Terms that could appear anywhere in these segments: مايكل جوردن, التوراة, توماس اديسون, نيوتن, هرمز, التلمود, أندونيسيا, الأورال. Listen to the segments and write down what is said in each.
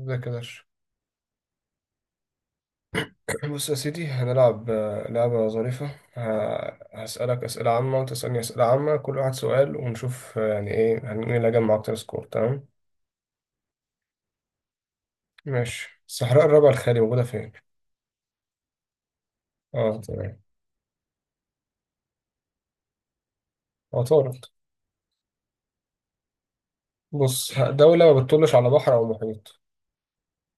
ازيك يا باشا. بص يا سيدي، هنلعب لعبة ظريفة. هسألك أسئلة عامة وأنت تسألني أسئلة عامة، كل واحد سؤال ونشوف يعني إيه مين اللي هيجمع أكتر سكور، تمام؟ ماشي. الصحراء الربع الخالي موجودة فين؟ أه، تمام. عطارد. بص دولة ما بتطلش على بحر أو محيط.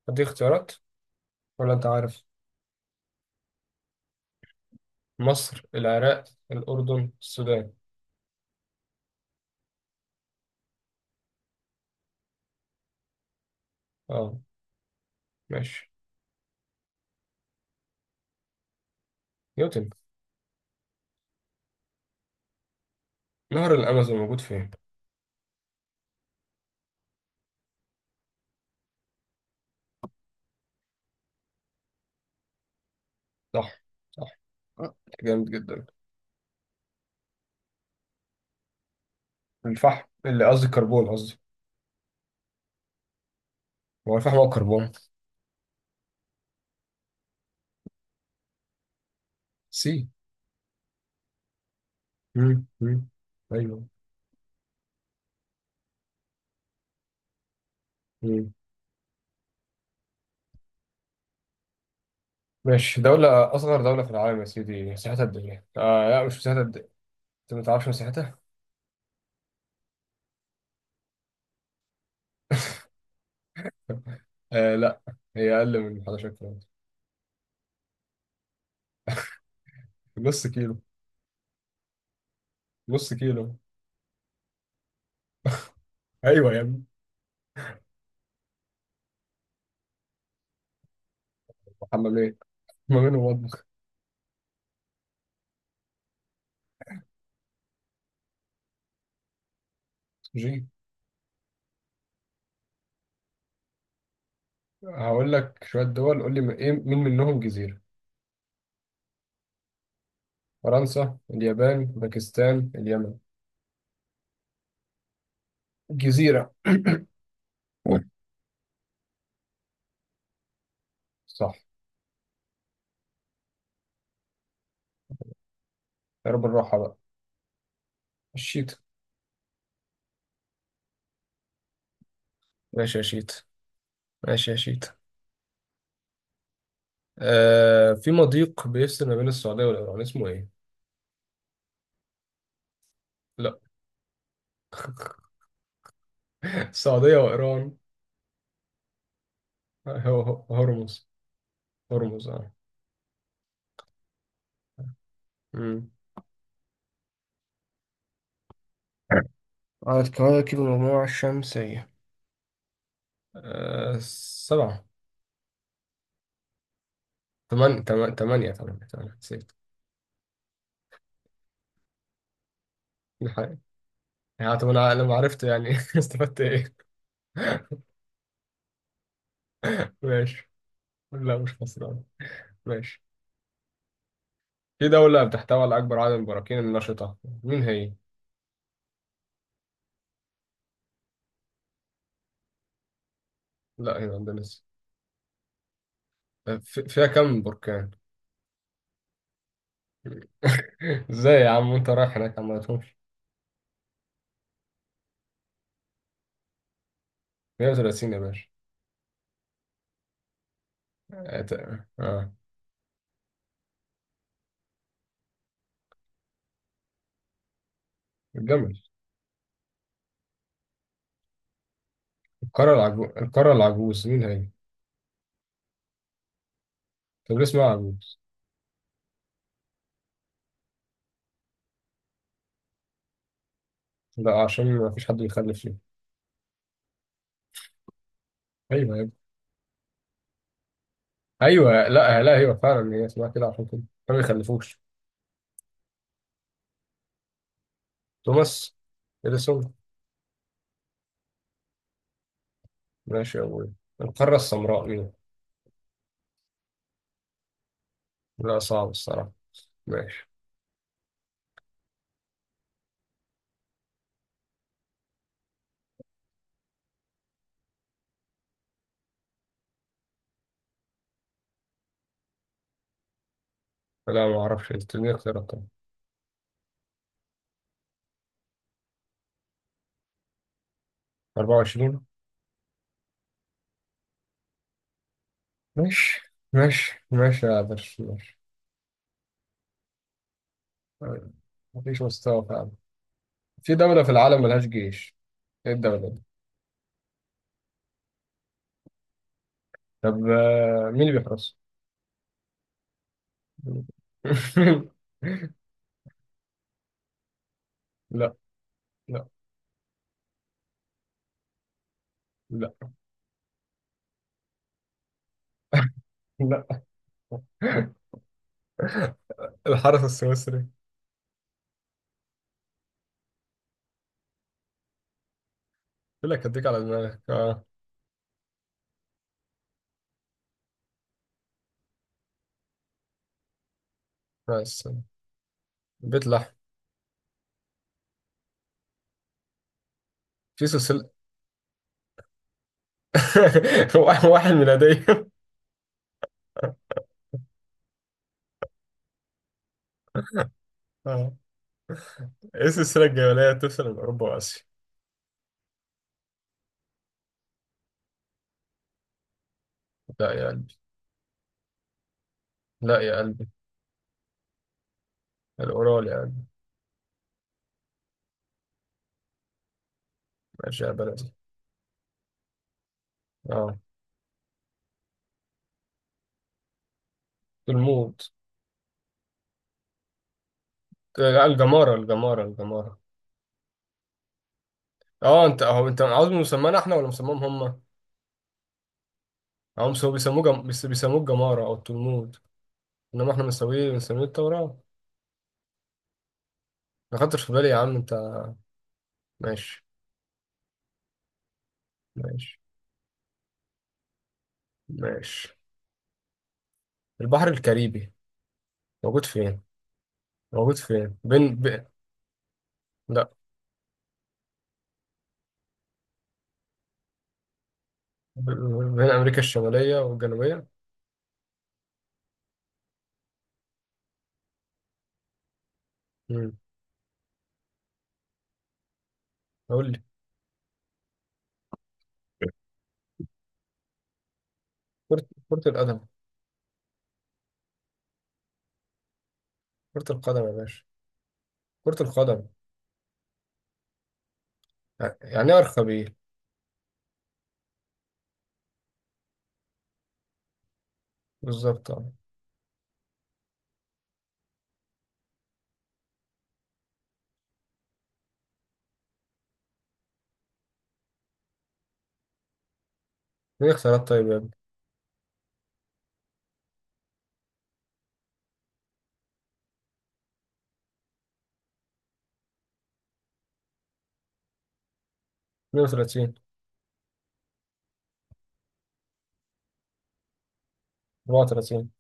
دي اختيارات ولا أنت عارف؟ مصر، العراق، الأردن، السودان. أه، ماشي. نيوتن. نهر الأمازون موجود فين؟ صح. صح. جامد جدا. الفحم، اللي قصدي الكربون قصدي. هو الفحم هو الكربون؟ سي. مم. مم. ايوه. مم. ماشي. دولة، أصغر دولة في العالم يا سيدي، مساحتها قد إيه؟ آه لا، مش مساحتها قد إيه؟ أنت ما تعرفش مساحتها؟ آه لا. هي أقل من 11 كيلو. نص كيلو. نص كيلو. أيوه يا ابني. حمامين. حمامين ومطبخ. جي. هقول لك شوية دول، قول لي إيه، مين منهم جزيرة؟ فرنسا، اليابان، باكستان، اليمن. جزيرة. صح. يا رب الراحة بقى. الشيت. ماشي يا شيت. ماشي يا شيت. آه، في مضيق بيفصل ما بين السعودية والإيران، اسمه إيه؟ لا. السعودية وإيران. هرمز. هرمز. آه. مم. عدد كواكب المجموعة الشمسية. سبعة. تمانية، نسيت. الحقيقة. يعني طب أنا لما عرفت، يعني استفدت إيه؟ ماشي. لا، مش خسران. ماشي. في دولة بتحتوي على أكبر عدد من البراكين النشطة، مين هي؟ لا، هي أندونيسيا. فيها كم بركان؟ ازاي يا عم وانت رايح هناك، عم ما تهمش؟ 130 يا باشا. اه ت- آه. الجمل. القارة العجوز، القارة العجوز مين هي؟ طب ليه اسمها عجوز؟ لا، عشان ما فيش حد بيخلف فيها. ايوه يا ابني. ايوه، لا، لا، ايوه، فعلا هي اسمها كده عشان كده ما بيخلفوش. توماس. اديسون. ماشي يا ابوي. القارة السمراء مين؟ لا، صعب الصراحة. ماشي. لا، ما اعرفش، انت ليه اختيارات طبعا. 24. ماشي، ماشي، ماشي يا درش، ماشي. مفيش مستوى فعلا. في دولة في العالم ملهاش جيش، ايه الدولة دي؟ طب مين اللي بيحرسها؟ لا. لا. لا. لا. الحرس السويسري. يقول لك هديك على دماغك، اه. بس. بيت لحم. في سلسلة. واحد ميلادية. اه. ايه السلسلة الجبلية اللي بتفصل بين أوروبا وآسيا؟ لا يا قلبي. لا يا قلبي. الأورال يا قلبي. ماشي يا بلدي. اه. الموت. لا، الجمارة، الجمارة، الجمارة. اه، انت اهو، انت عاوز مسمانا احنا ولا مسماهم هم؟ هم سو بيسموه جم... بيس- بيسموه الجمارة أو التلمود. إنما إحنا بنسميه التوراة. ما خدتش في بالي يا عم أنت. ماشي. ماشي. ماشي. البحر الكاريبي موجود فين؟ موجود فين؟ لا. ب... بين أمريكا الشمالية والجنوبية. مم. قول لي. كرة القدم. كرة القدم يا باشا. كرة القدم. يعني إيه أرخبيل؟ بالظبط أه. مين اختيارات طيب يا ابني؟ 32. 34.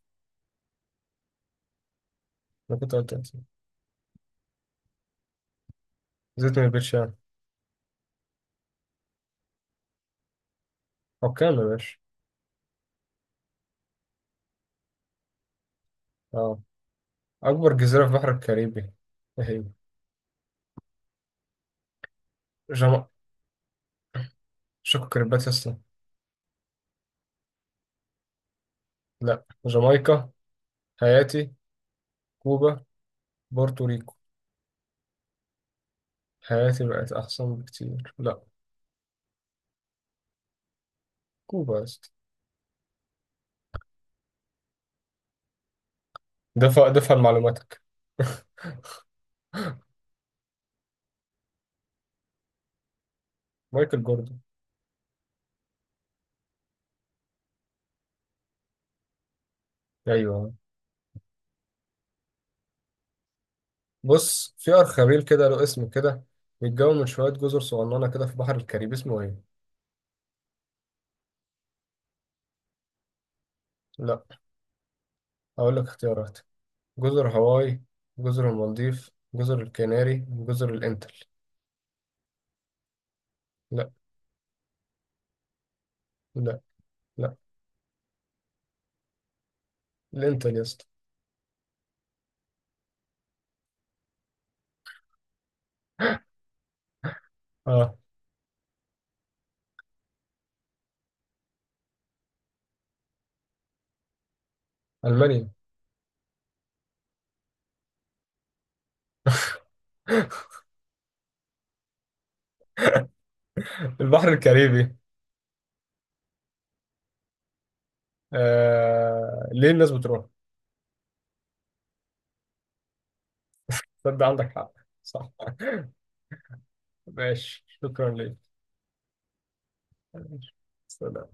أنا كنت قلت 30. زيت من البيت شام. حكام يا باشا. أه. أكبر جزيرة في البحر الكاريبي، إيه هي؟ جما شكو كريبات أصلا. لا. جامايكا. هايتي. كوبا. بورتوريكو. هايتي بقت أحسن بكتير. لا. كوبا يا اسطى. دفع دفع لمعلوماتك. مايكل جوردن. أيوه. بص في أرخبيل كده له اسم كده، بيتكون من شوية جزر صغننة كده في بحر الكاريبي، اسمه إيه؟ لا. هقول لك اختيارات. جزر هاواي، جزر المالديف، جزر الكناري، جزر الإنتل. لا. لا. لا الإنتل يا اسطى. آه. ألمانيا. البحر الكاريبي. ليه الناس بتروح؟ تصدق عندك حق. صح. ماشي، شكرا ليك. ماشي. سلام.